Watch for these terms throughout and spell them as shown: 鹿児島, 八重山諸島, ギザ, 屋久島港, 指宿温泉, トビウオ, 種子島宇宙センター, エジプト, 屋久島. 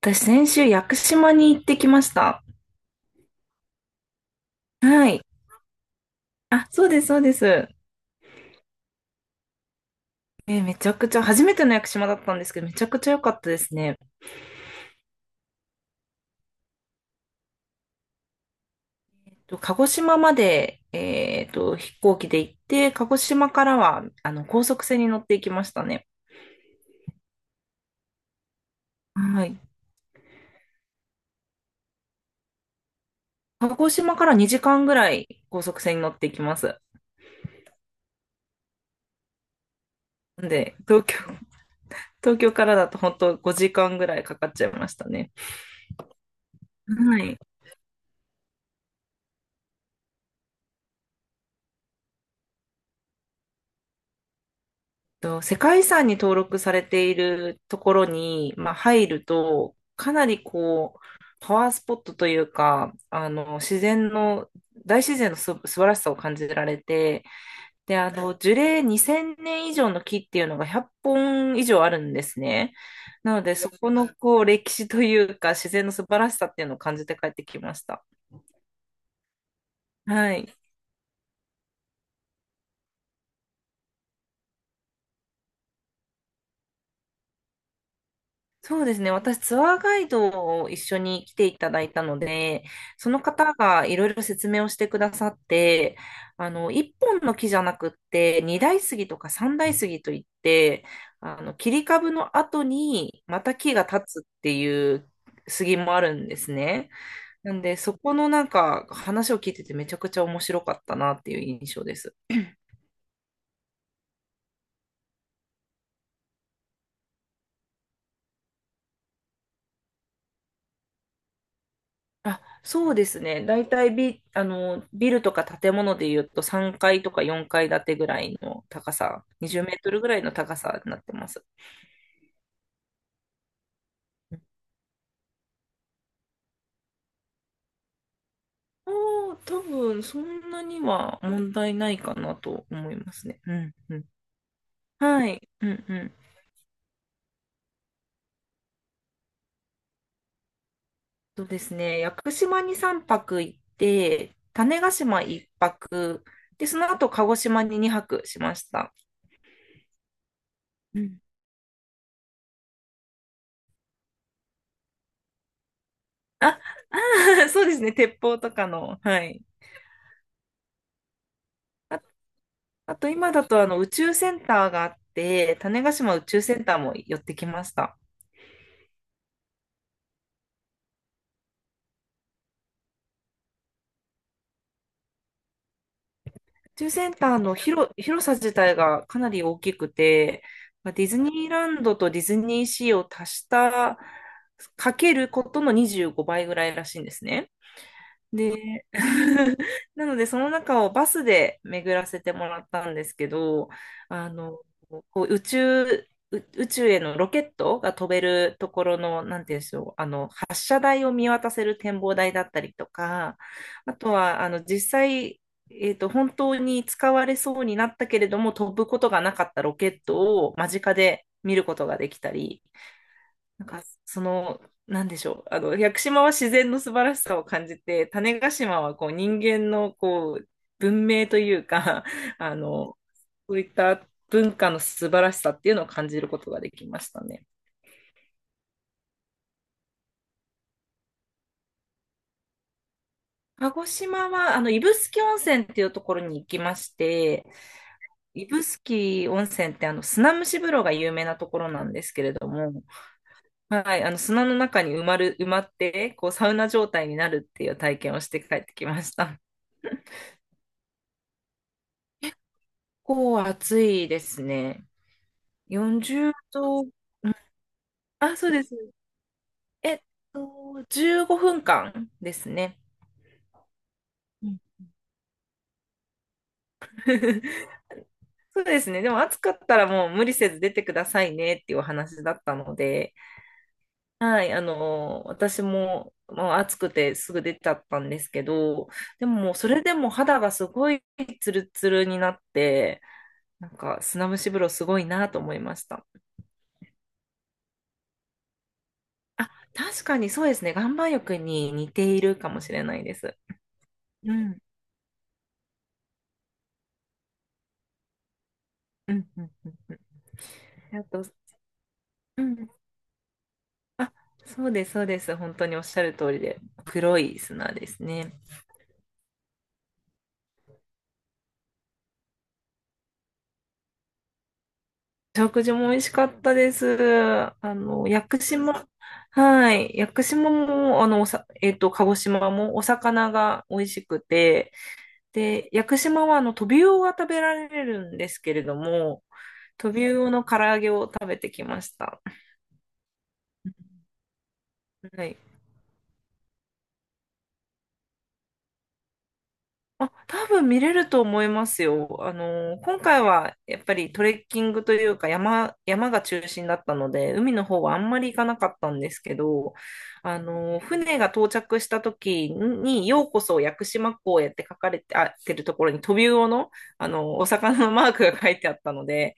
私、先週、屋久島に行ってきました。はい。あ、そうです、そうです。えーめちゃくちゃ、初めての屋久島だったんですけど、めちゃくちゃ良かったですね。鹿児島まで、飛行機で行って、鹿児島からは、高速船に乗っていきましたね。はい。鹿児島から2時間ぐらい高速船に乗っていきます。なんで、東京からだと本当5時間ぐらいかかっちゃいましたね。はい。世界遺産に登録されているところに、まあ、入ると、かなりこう、パワースポットというか、自然の、大自然の素晴らしさを感じられて、で、樹齢2000年以上の木っていうのが100本以上あるんですね。なので、そこのこう、歴史というか、自然の素晴らしさっていうのを感じて帰ってきました。はい。そうですね。私、ツアーガイドを一緒に来ていただいたので、その方がいろいろ説明をしてくださって、一本の木じゃなくって、二大杉とか三大杉といって、切り株の後にまた木が立つっていう杉もあるんですね。なんで、そこのなんか話を聞いててめちゃくちゃ面白かったなっていう印象です。あ、そうですね。大体ビ、あの、ビルとか建物で言うと3階とか4階建てぐらいの高さ、20メートルぐらいの高さになってます。多分そんなには問題ないかなと思いますね。うん、うん。はい。うん、うん。そうですね。屋久島に3泊行って、種子島1泊、で、その後鹿児島に2泊しました。うん。あ、そうですね。鉄砲とかの、はい。あと今だと宇宙センターがあって、種子島宇宙センターも寄ってきました。宇宙センターの広さ自体がかなり大きくて、まあディズニーランドとディズニーシーを足した、かけることの25倍ぐらいらしいんですね。で、なのでその中をバスで巡らせてもらったんですけど、あの、こう宇宙へのロケットが飛べるところの、なんていうんでしょう、発射台を見渡せる展望台だったりとか、あとは、実際、本当に使われそうになったけれども、飛ぶことがなかったロケットを間近で見ることができたり、なんか、その、なんでしょう。屋久島は自然の素晴らしさを感じて、種子島はこう人間のこう文明というか、あの、そういった文化の素晴らしさっていうのを感じることができましたね。鹿児島は、指宿温泉っていうところに行きまして、指宿温泉って砂蒸し風呂が有名なところなんですけれども、はい、砂の中に埋まって、こう、サウナ状態になるっていう体験をして帰ってきました。構暑いですね。40度、あ、そうです。えっと、15分間ですね。うん そうですね。でも暑かったらもう無理せず出てくださいねっていうお話だったので、はい、私も、まあ、暑くてすぐ出ちゃったんですけど、でももうそれでも肌がすごいツルツルになって、なんか砂蒸し風呂すごいなと思いました。あ、確かにそうですね。岩盤浴に似ているかもしれないです。うん。うん。うん。うん。うんあと、うん。あ、そうです、そうです。本当におっしゃる通りで、黒い砂ですね。食事も美味しかったです。屋久島、はい。屋久島も、あの、おさ、えっと、鹿児島もお魚が美味しくて、で、屋久島は、トビウオが食べられるんですけれども、トビウオの唐揚げを食べてきました。はい。あ、多分見れると思いますよ。今回はやっぱりトレッキングというか山が中心だったので、海の方はあんまり行かなかったんですけど、船が到着した時に、ようこそ屋久島港へって書かれて、てるところにトビウオの、お魚のマークが書いてあったので、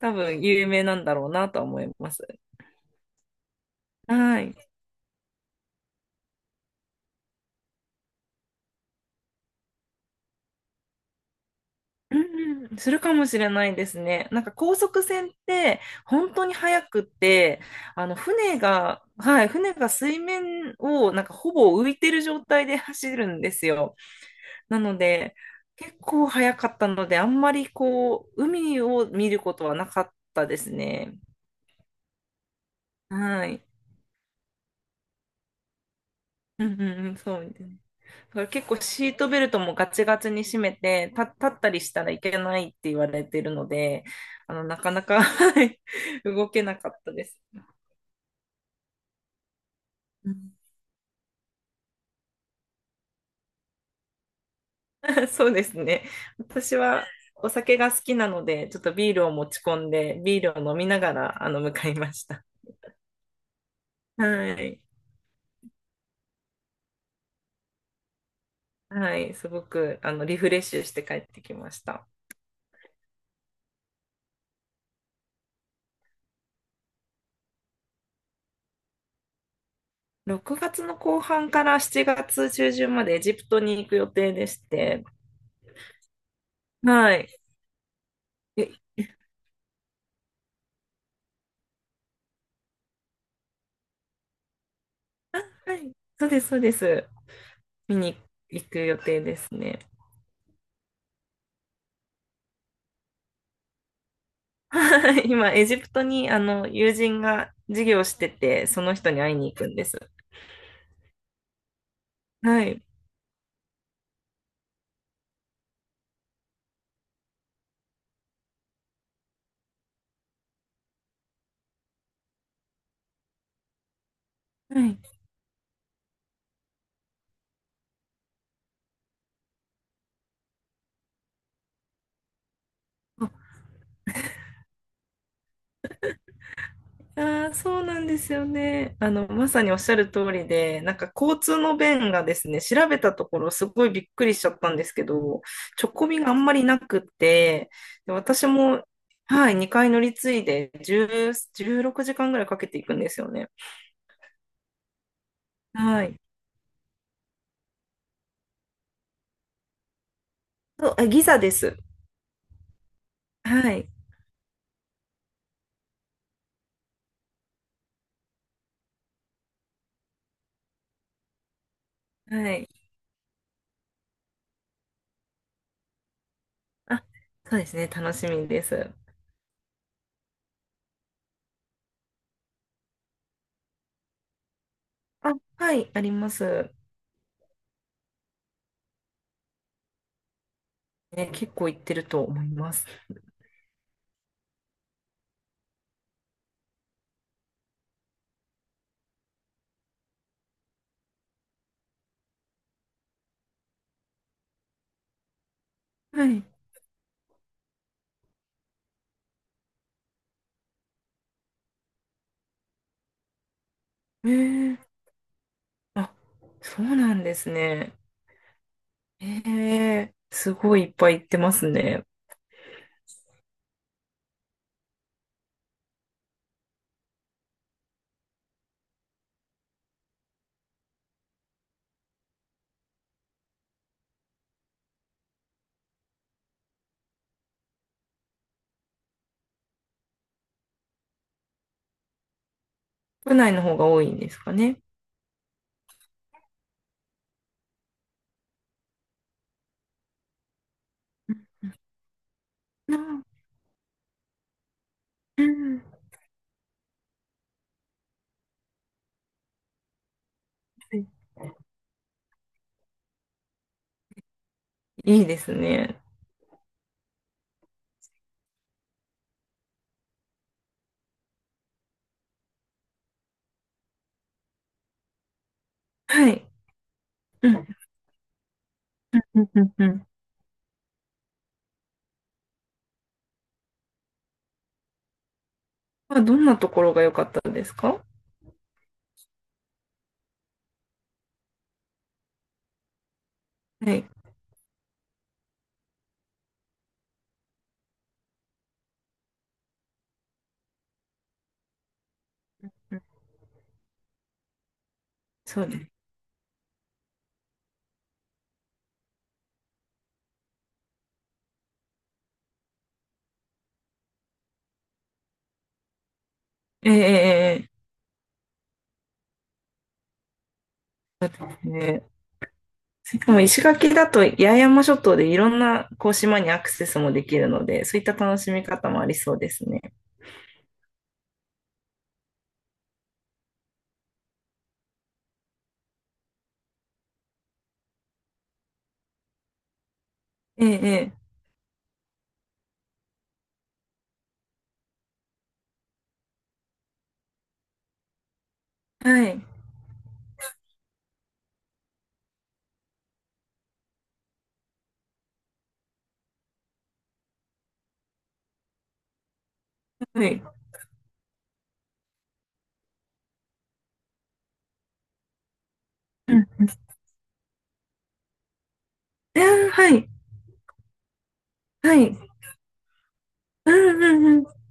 多分有名なんだろうなとは思います。はい。うんうんするかもしれないですね。なんか高速船って本当に速くって、あの船が、はい、船が水面をなんかほぼ浮いてる状態で走るんですよ。なので、結構速かったので、あんまりこう、海を見ることはなかったですね。はい。うんうんうん、そう。これ結構シートベルトもガチガチに締めて、立ったりしたらいけないって言われてるので、なかなか はい動けなかったです。うん そうですね。私はお酒が好きなので、ちょっとビールを持ち込んで、ビールを飲みながら、向かいました。はい。はい。すごく、リフレッシュして帰ってきました。6月の後半から7月中旬までエジプトに行く予定でして、はい。えはい。そうです、そうです。見に行く予定ですね。今、エジプトに友人が授業してて、その人に会いに行くんです。はい。はい。ああ、そうなんですよね。まさにおっしゃる通りで、なんか交通の便がですね、調べたところすごいびっくりしちゃったんですけど、直行便があんまりなくって、で私も、はい、2回乗り継いで10、16時間ぐらいかけていくんですよね。はい。あ、ギザです。はい。はい。あ、そうですね。楽しみです。あ、はい、あります。ね、結構行ってると思います。はい。えー、あ、そうなんですね。すごいいっぱい行ってますね。国内の方が多いんですかね。うんうんはいいいですね。はい。うん。うんうんうん。まあ、どんなところが良かったですか？はい。そうです。ええええええしかも石垣だと八重山諸島でいろんなこう島にアクセスもできるので、そういった楽しみ方もありそうですね。ええ、ええはい、はい。うん、うんあーはい、はい。うん、うん、うん。